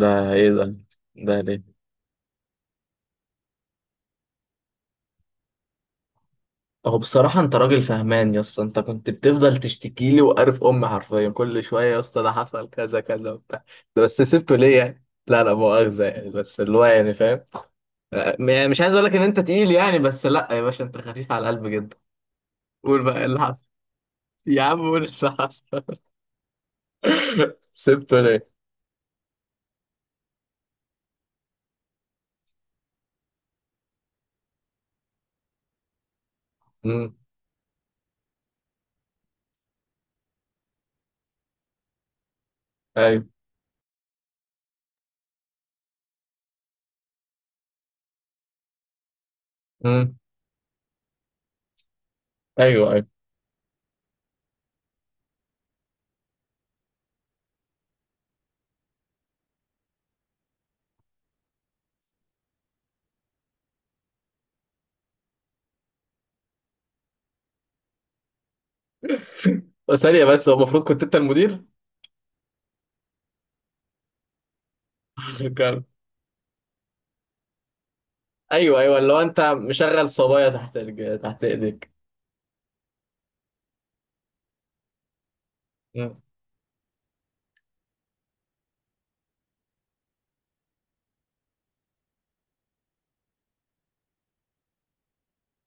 ده ايه ده؟ ده ليه؟ هو بصراحة انت راجل فهمان يا اسطى، انت كنت بتفضل تشتكي لي وقارف امي حرفيا كل شوية، يا اسطى ده حصل كذا كذا وبتاع. ده بس سبته ليه يعني؟ لا لا مؤاخذة يعني، بس اللي هو يعني فاهم. يعني مش عايز اقول لك ان انت تقيل يعني، بس لا يا باشا انت خفيف على القلب جدا. قول بقى ايه اللي حصل؟ يا عم قول إيه اللي حصل؟ سبته ليه؟ امم. ايوه. امم. ايوه، ايوه. ثانية بس، هو المفروض كنت انت المدير؟ كان- ايوه، ايوه، اللي هو انت مشغل صبايا تحت تحت ايديك.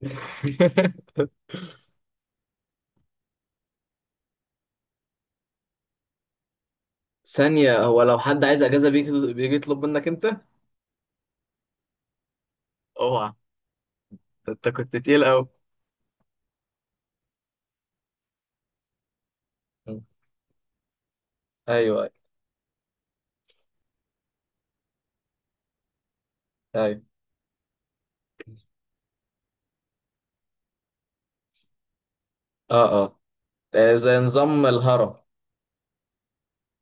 ثانية، هو لو حد عايز أجازة بيجي يطلب منك أنت؟ اوعى. انت كنت تقيل قوي. مم. أيوه، أيوه. أيوه. أه، أه. آه، زي نظام الهرم.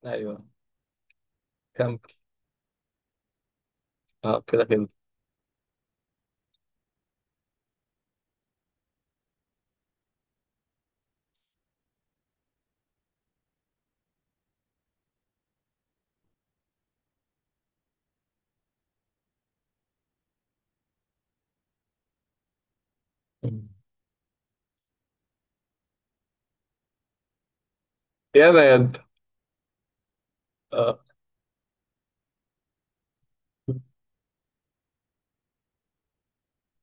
أيوه. كمل. أه، كده كده. مم. يلا يا أنت. أه.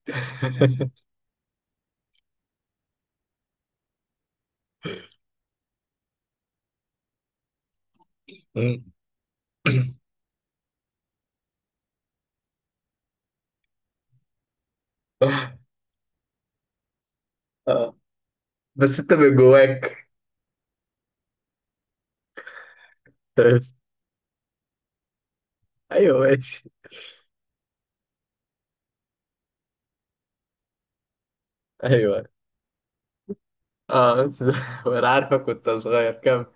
مم. أه، بس أنت من جواك. ايوه ماشي. أيوه. اه، وانا عارفك كنت صغير، كمل.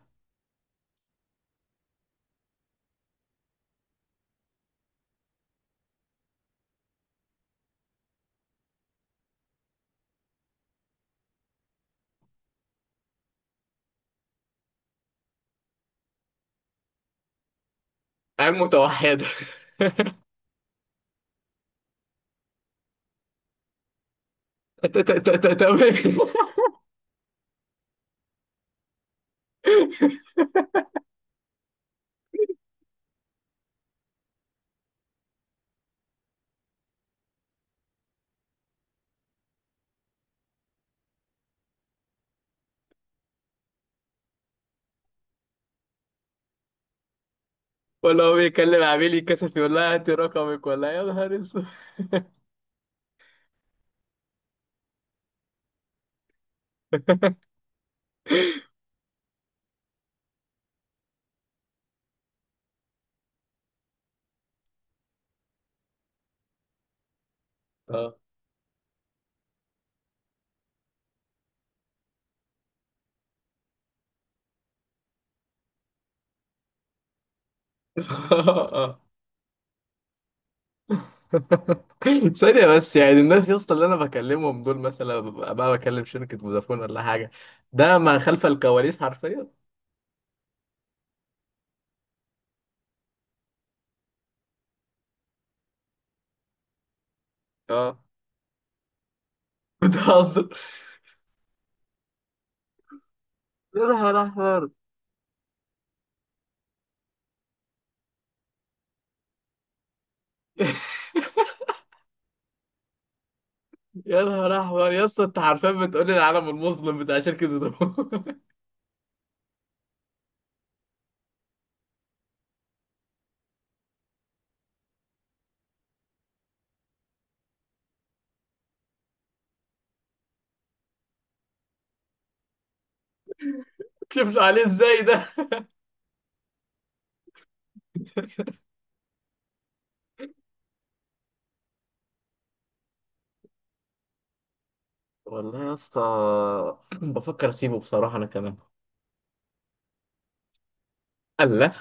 عين متوحدة تمام. ولا هو بيكلم عميل يتكسف يقول لها هاتي رقمك ولا إيه؟ يا نهار اسود. اه. آه. ثانية بس، يعني الناس يا اسطى اللي انا بكلمهم دول مثلا ببقى بقى بكلم شركة فودافون ولا حاجة. ده ما خلف الكواليس حرفيا. اه. بتهزر. يا نهار احمر يا نهار احمر يا اسطى، انت حرفيا بتقول لي العالم المظلم بتاع شركة فودافون. شفت عليه ازاي ده؟ والله يا اسطى بفكر اسيبه بصراحة انا كمان. الله.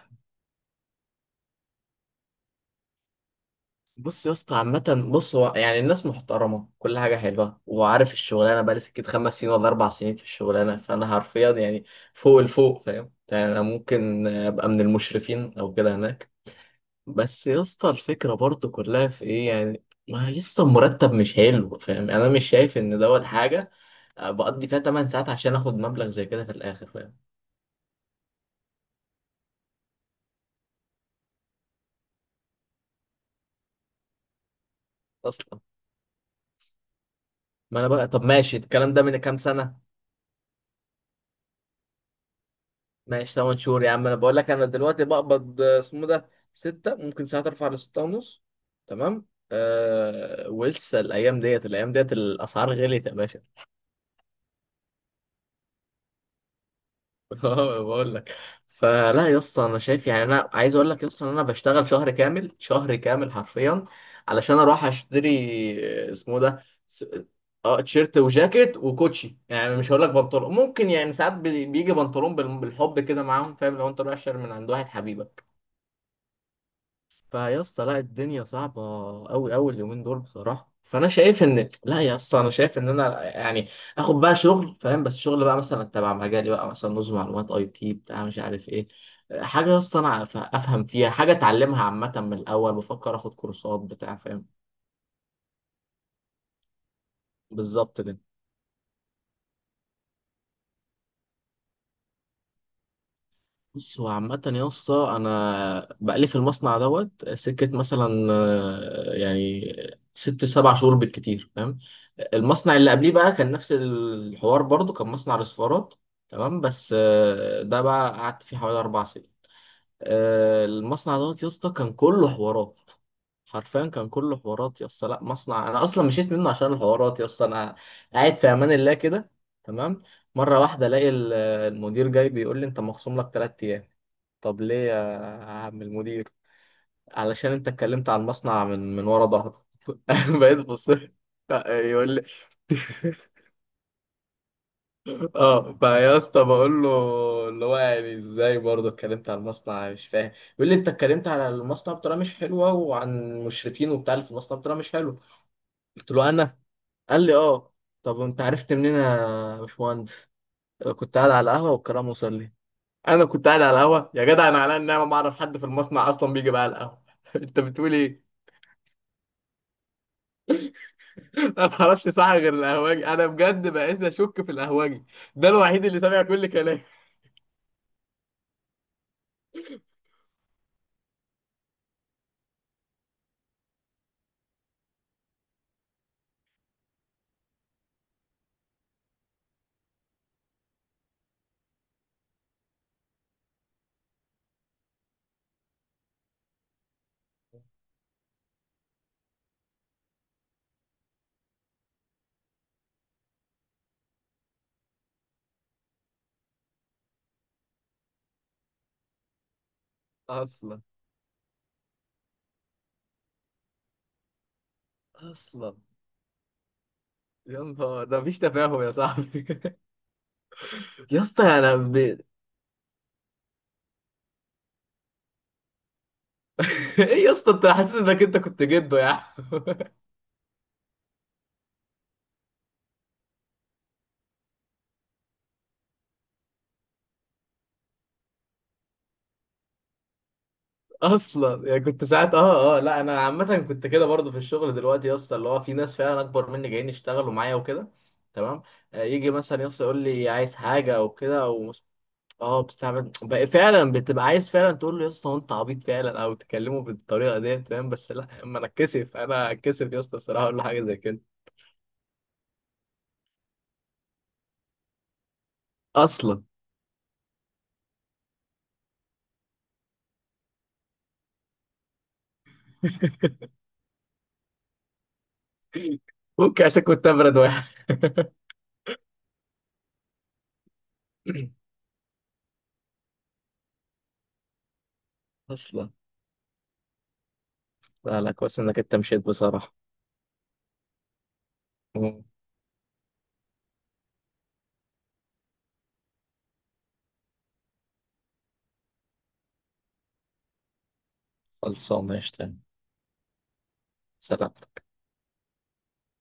بص يا اسطى عامة، بص، هو يعني الناس محترمة، كل حاجة حلوة، وعارف الشغلانة بقالي سكت 5 سنين ولا 4 سنين في الشغلانة، فأنا حرفيا يعني فوق الفوق، فاهم يعني أنا ممكن أبقى من المشرفين أو كده هناك. بس يا اسطى، الفكرة برضو كلها في إيه يعني؟ ما يا اسطى المرتب مش حلو، فاهم يعني أنا مش شايف إن دوت حاجة بقضي فيها 8 ساعات عشان آخد مبلغ زي كده في الآخر، فاهم؟ أصلا. ما أنا بقى، طب ماشي، الكلام ده من كام سنة؟ ماشي 8 شهور. يا عم انا بقول لك انا دلوقتي بقبض، اسمه ده، 6 ممكن، ساعات ارفع ل 6 ونص. تمام. أه، ولسه الايام ديت، الايام ديت الاسعار غليت يا باشا. اه بقول لك. فلا يا اسطى، انا شايف يعني، انا عايز اقول لك يا اسطى ان انا بشتغل شهر كامل، شهر كامل حرفيا، علشان اروح اشتري اسمه ده اه، تيشيرت وجاكيت وكوتشي. يعني مش هقول لك بنطلون، ممكن يعني ساعات بيجي بنطلون بالحب كده معاهم، فاهم؟ لو انت رايح شهر من عند واحد حبيبك. فيا اسطى لا، الدنيا صعبة أوي، أوي اليومين دول بصراحة. فأنا شايف إن، لا يا اسطى، أنا شايف إن أنا يعني آخد بقى شغل، فاهم، بس شغل بقى مثلا تبع مجالي، بقى مثلا نظم معلومات، أي تي بتاع، مش عارف إيه، حاجة يا اسطى أنا أفهم فيها حاجة، أتعلمها. عامة من الأول بفكر آخد كورسات بتاع، فاهم؟ بالظبط كده. بص، هو عامة يا اسطى أنا بقالي في المصنع دوت سكة مثلا، يعني 6 7 شهور بالكتير، فاهم. المصنع اللي قبليه بقى كان نفس الحوار برضو، كان مصنع رسفارات، تمام، بس ده بقى قعدت فيه حوالي 4 سنين. المصنع دوت يا اسطى كان كله حوارات، حرفيا كان كله حوارات يا اسطى. لا مصنع انا اصلا مشيت منه عشان الحوارات، يا اسطى انا قاعد في امان الله كده، تمام. مره واحده الاقي المدير جاي بيقول لي: انت مخصوم لك 3 ايام. طب ليه يا عم المدير؟ علشان انت اتكلمت على المصنع من ورا ظهره. بقيت بص، يقول لي اه. فيا اسطى بقول له، اللي هو يعني ازاي برضه اتكلمت على المصنع؟ مش فاهم. يقول لي: انت اتكلمت على المصنع بطريقه مش حلوه، وعن المشرفين وبتاع اللي في المصنع بطريقه مش حلوه. قلت له انا، قال لي اه. طب انت عرفت منين يا باشمهندس؟ كنت قاعد على القهوه والكلام وصل لي. انا كنت قاعد على القهوه يا جدع؟ انا على النعمه ما اعرف حد في المصنع اصلا بيجي بقى على القهوه. انت بتقول ايه؟ انا ما اعرفش صح غير الاهواجي. انا بجد بقيت اشك في الاهواجي، ده الوحيد اللي سامع كل كلامي. اصلا، اصلا. يا نهار ده مفيش تفاهم يا صاحبي. يا اسطى انا ايه يا اسطى، انت حاسس انك انت كنت جده يا عم؟ اصلا. يعني كنت ساعات، لا، انا عامه كنت كده برضه في الشغل دلوقتي يا اسطى، اللي هو في ناس فعلا اكبر مني جايين يشتغلوا معايا وكده، تمام. يجي مثلا يا اسطى يقول لي عايز حاجه او كده. اه، بتستعبد بقى فعلا، بتبقى عايز فعلا تقول له: يا اسطى هو انت عبيط فعلا، او تكلمه بالطريقه ديت، فاهم؟ بس لا، اما انا اتكسف، انا اتكسف يا اسطى بصراحه اقول له حاجه زي كده. اصلا. ممكن عشان كنت ابرد واحد. اصلا. لا لا، كويس انك انت مشيت بصراحه. مم. خلصانه يا شتان. سلام.